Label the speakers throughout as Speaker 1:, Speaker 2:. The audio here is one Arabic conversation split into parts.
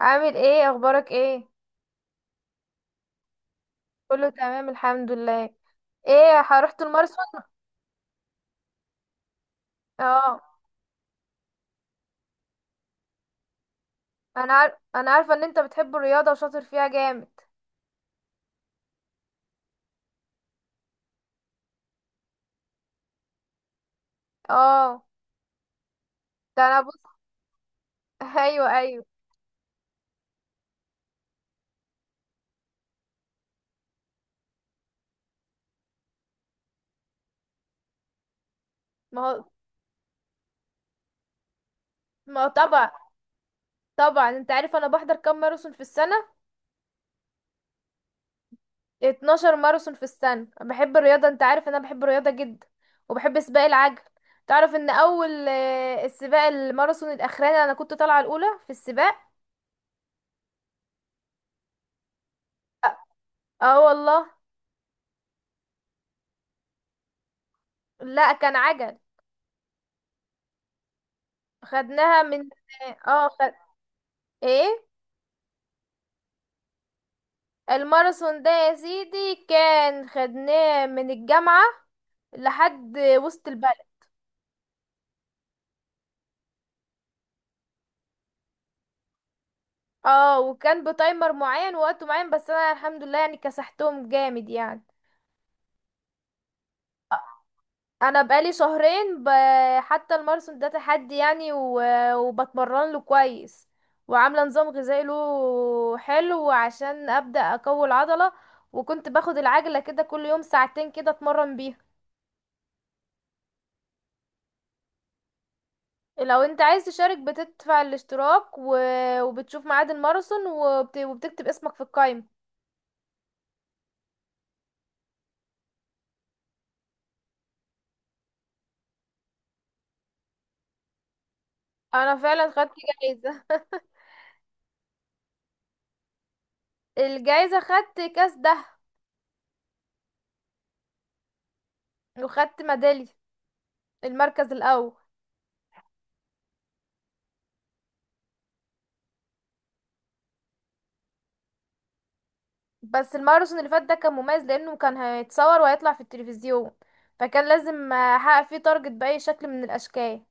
Speaker 1: عامل ايه؟ اخبارك ايه؟ كله تمام الحمد لله. ايه، رحت الماراثون؟ اه. انا عارفه ان انت بتحب الرياضه وشاطر فيها جامد. اه، ده انا بص. ايوه، ايوه. ما هو ما هو طبعا. طبعا، انت عارف انا بحضر كام ماراثون في السنه؟ 12 ماراثون في السنه. بحب الرياضه، انت عارف ان انا بحب الرياضه جدا، وبحب سباق العجل. تعرف ان اول السباق الماراثون الاخراني انا كنت طالعه الاولى في السباق. اه والله. لا، كان عجل. خدناها من اه خد... ايه. الماراثون ده يا سيدي كان خدناه من الجامعة لحد وسط البلد. اه، وكان بتايمر معين ووقت معين، بس انا الحمد لله يعني كسحتهم جامد يعني. انا بقالي شهرين حتى الماراثون ده تحدي يعني وبتمرن له كويس، وعامله نظام غذائي له حلو عشان ابدا اقوي العضله. وكنت باخد العجله كده كل يوم ساعتين كده اتمرن بيها. لو انت عايز تشارك بتدفع الاشتراك وبتشوف ميعاد الماراثون وبتكتب اسمك في القائمة. انا فعلا خدت جايزة. الجايزة خدت كاس ده، وخدت ميدالية المركز الاول. بس الماراثون اللي فات ده كان مميز لانه كان هيتصور وهيطلع في التلفزيون، فكان لازم احقق فيه تارجت بأي شكل من الاشكال.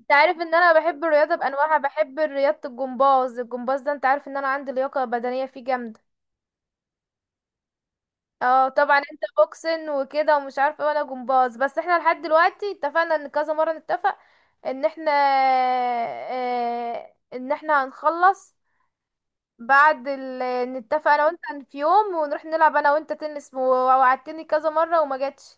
Speaker 1: انت عارف ان انا بحب الرياضة بانواعها، بحب رياضة الجمباز. الجمباز ده انت عارف ان انا عندي لياقة بدنية فيه جامدة. اه طبعا، انت بوكسن وكده ومش عارفه إيه، وانا جمباز. بس احنا لحد دلوقتي اتفقنا ان كذا مره نتفق ان احنا ان احنا هنخلص بعد ال... نتفق انا وانت في يوم ونروح نلعب انا وانت تنس ووعدتني كذا مره وما جاتش.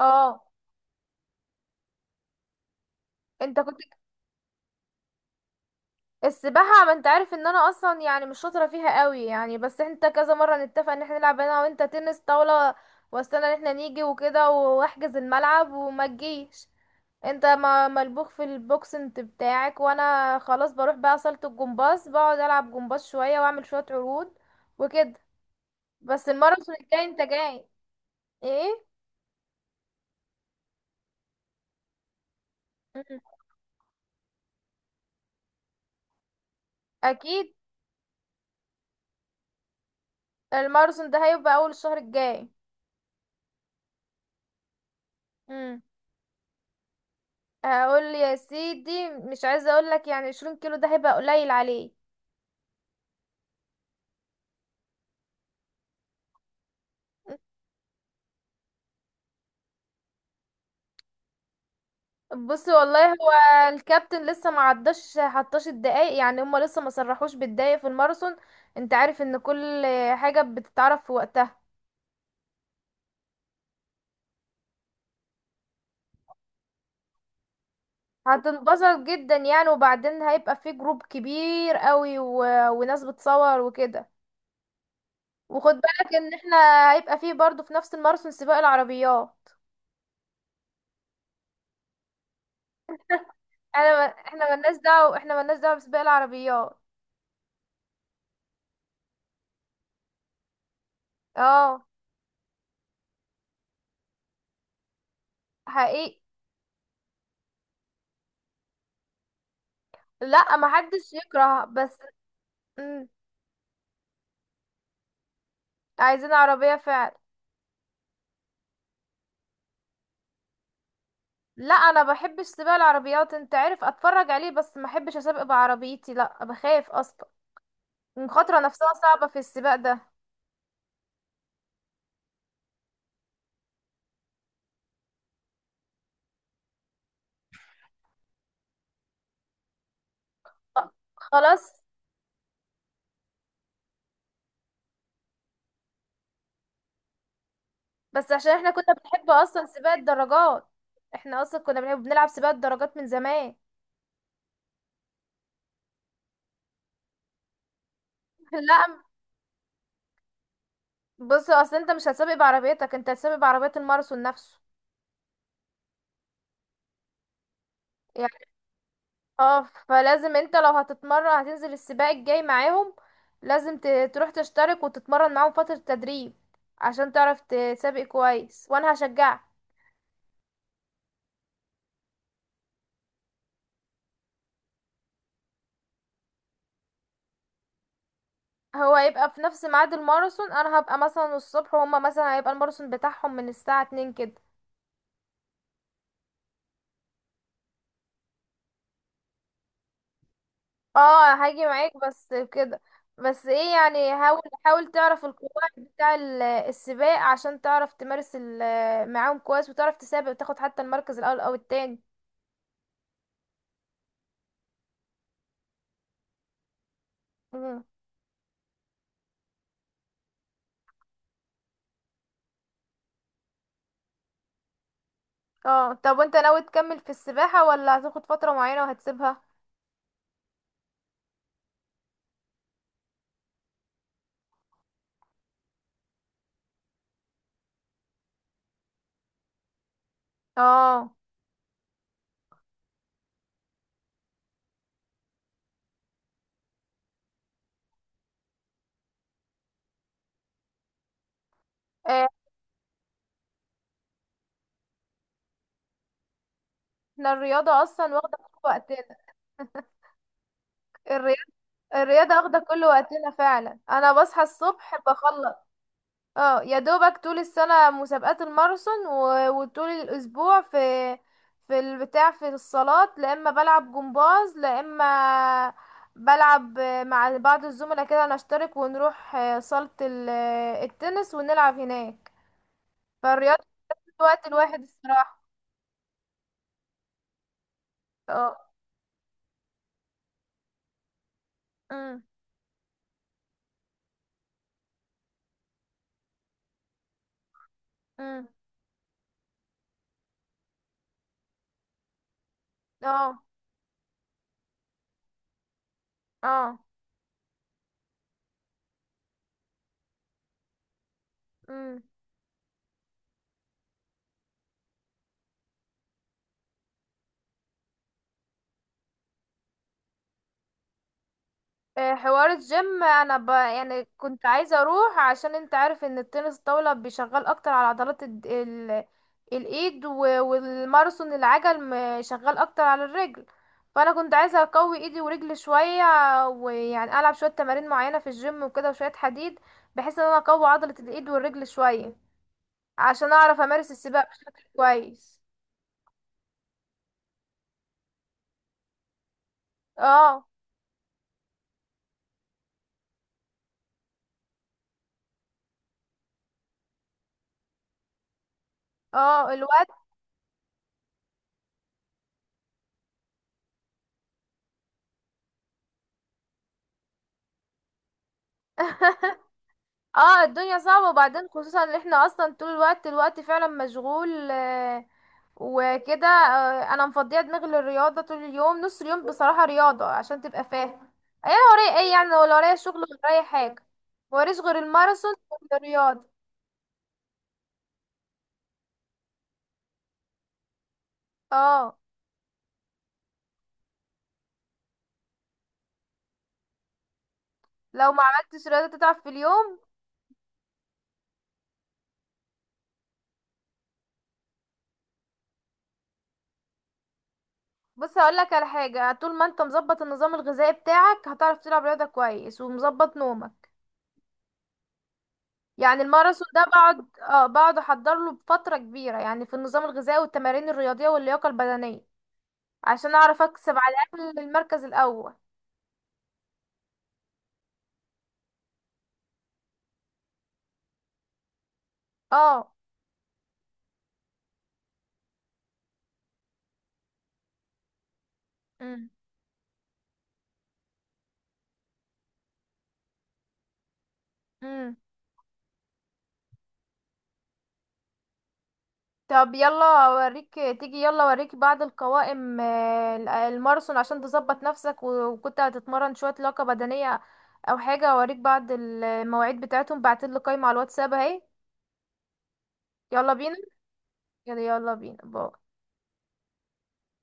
Speaker 1: اه، انت كنت. السباحه، ما انت عارف ان انا اصلا يعني مش شاطره فيها قوي يعني. بس انت كذا مره نتفق ان احنا نلعب انا وانت تنس طاوله، واستنى ان احنا نيجي وكده واحجز الملعب وما تجيش. انت ملبوخ في البوكسنت بتاعك، وانا خلاص بروح بقى صالة الجمباز، بقعد العب جمباز شوية واعمل شوية عروض وكده. بس الماراثون الجاي انت جاي؟ ايه. مم. اكيد. الماراثون ده هيبقى اول الشهر الجاي. مم. هقول يا سيدي مش عايزة اقول لك يعني 20 كيلو ده هيبقى قليل عليه. بصي والله، هو الكابتن لسه ما عداش حطاش الدقايق يعني. هما لسه ما صرحوش بالدقايق في الماراثون. انت عارف ان كل حاجة بتتعرف في وقتها. هتنبسط جدا يعني. وبعدين هيبقى في جروب كبير قوي وناس بتصور وكده. وخد بالك ان احنا هيبقى فيه برضو في نفس الماراثون سباق العربيات. انا ما... احنا مالناش دعوة، احنا مالناش دعوة بسباق العربيات. اه حقيقي. لا، محدش يكره، بس. مم. عايزين عربية فعلا. لا، انا بحبش سباق العربيات، انت عارف، اتفرج عليه بس ما احبش اسابق بعربيتي. لا، بخاف اصلا، المخاطرة نفسها صعبة في السباق ده. خلاص. بس عشان احنا كنا بنحب اصلا سباق الدراجات. احنا اصلا كنا بنحب بنلعب سباق الدراجات من زمان. لا. بص، اصل انت مش هتسابق بعربيتك، انت هتسابق بعربية الماراثون نفسه. يعني، اه. فلازم انت لو هتتمرن هتنزل السباق الجاي معاهم. لازم تروح تشترك وتتمرن معاهم فترة تدريب عشان تعرف تسابق كويس، وانا هشجعك. هو هيبقى في نفس ميعاد الماراثون، انا هبقى مثلا الصبح، وهما مثلا هيبقى الماراثون بتاعهم من الساعة 2 كده. اه، هاجي معاك بس كده. بس ايه يعني، حاول، حاول تعرف القواعد بتاع السباق عشان تعرف تمارس معاهم كويس، وتعرف تسابق وتاخد حتى المركز الاول او التاني. مم. اه طب، وانت ناوي تكمل في السباحة ولا هتاخد فترة معينة وهتسيبها؟ اه. آه، احنا الرياضة اصلا واخدة كل وقتنا. الرياضة، الرياضة واخدة كل وقتنا فعلا. انا بصحى الصبح بخلص. اه يا دوبك طول السنة مسابقات الماراثون، وطول الأسبوع في في البتاع في الصالات. لا إما بلعب جمباز لا إما بلعب مع بعض الزملاء كده نشترك ونروح صالة التنس ونلعب هناك. فالرياضة في الوقت الواحد الصراحة. اه. أم، أم، اه، اه، أم. حوار الجيم انا يعني كنت عايزه اروح عشان انت عارف ان التنس الطاوله بيشغل اكتر على عضلات الايد والماراثون العجل شغال اكتر على الرجل. فانا كنت عايزه اقوي ايدي ورجلي شويه، ويعني العب شويه تمارين معينه في الجيم وكده وشويه حديد، بحيث ان انا اقوي عضله الايد والرجل شويه عشان اعرف امارس السباق بشكل كويس. اه. اه الوقت. اه، الدنيا صعبة. وبعدين خصوصا ان احنا اصلا طول الوقت، الوقت فعلا مشغول وكده. انا مفضيه دماغي للرياضة طول اليوم، نص اليوم بصراحة رياضة، عشان تبقى فاهم ايه انا ورايا. ايه يعني، ولا ورايا شغل ولا ورايا حاجة؟ موريش غير الماراثون والرياضة. اه. لو ما عملتش رياضة تتعب في اليوم. بص هقولك على حاجة، طول ما انت مظبط النظام الغذائي بتاعك هتعرف تلعب رياضة كويس ومظبط نومك. يعني الماراثون ده بقعد بقعد احضر له بفترة كبيرة يعني في النظام الغذائي والتمارين الرياضية واللياقة البدنية، عشان اعرف اكسب على الاقل المركز الاول. اه. امم. امم. طب يلا اوريك، تيجي يلا اوريك بعض القوائم الماراثون عشان تظبط نفسك، وكنت هتتمرن شوية لياقة بدنية او حاجة. اوريك بعض المواعيد بتاعتهم. بعتلي قايمة على الواتساب اهي. يلا بينا. يلا، يلا بينا، باي.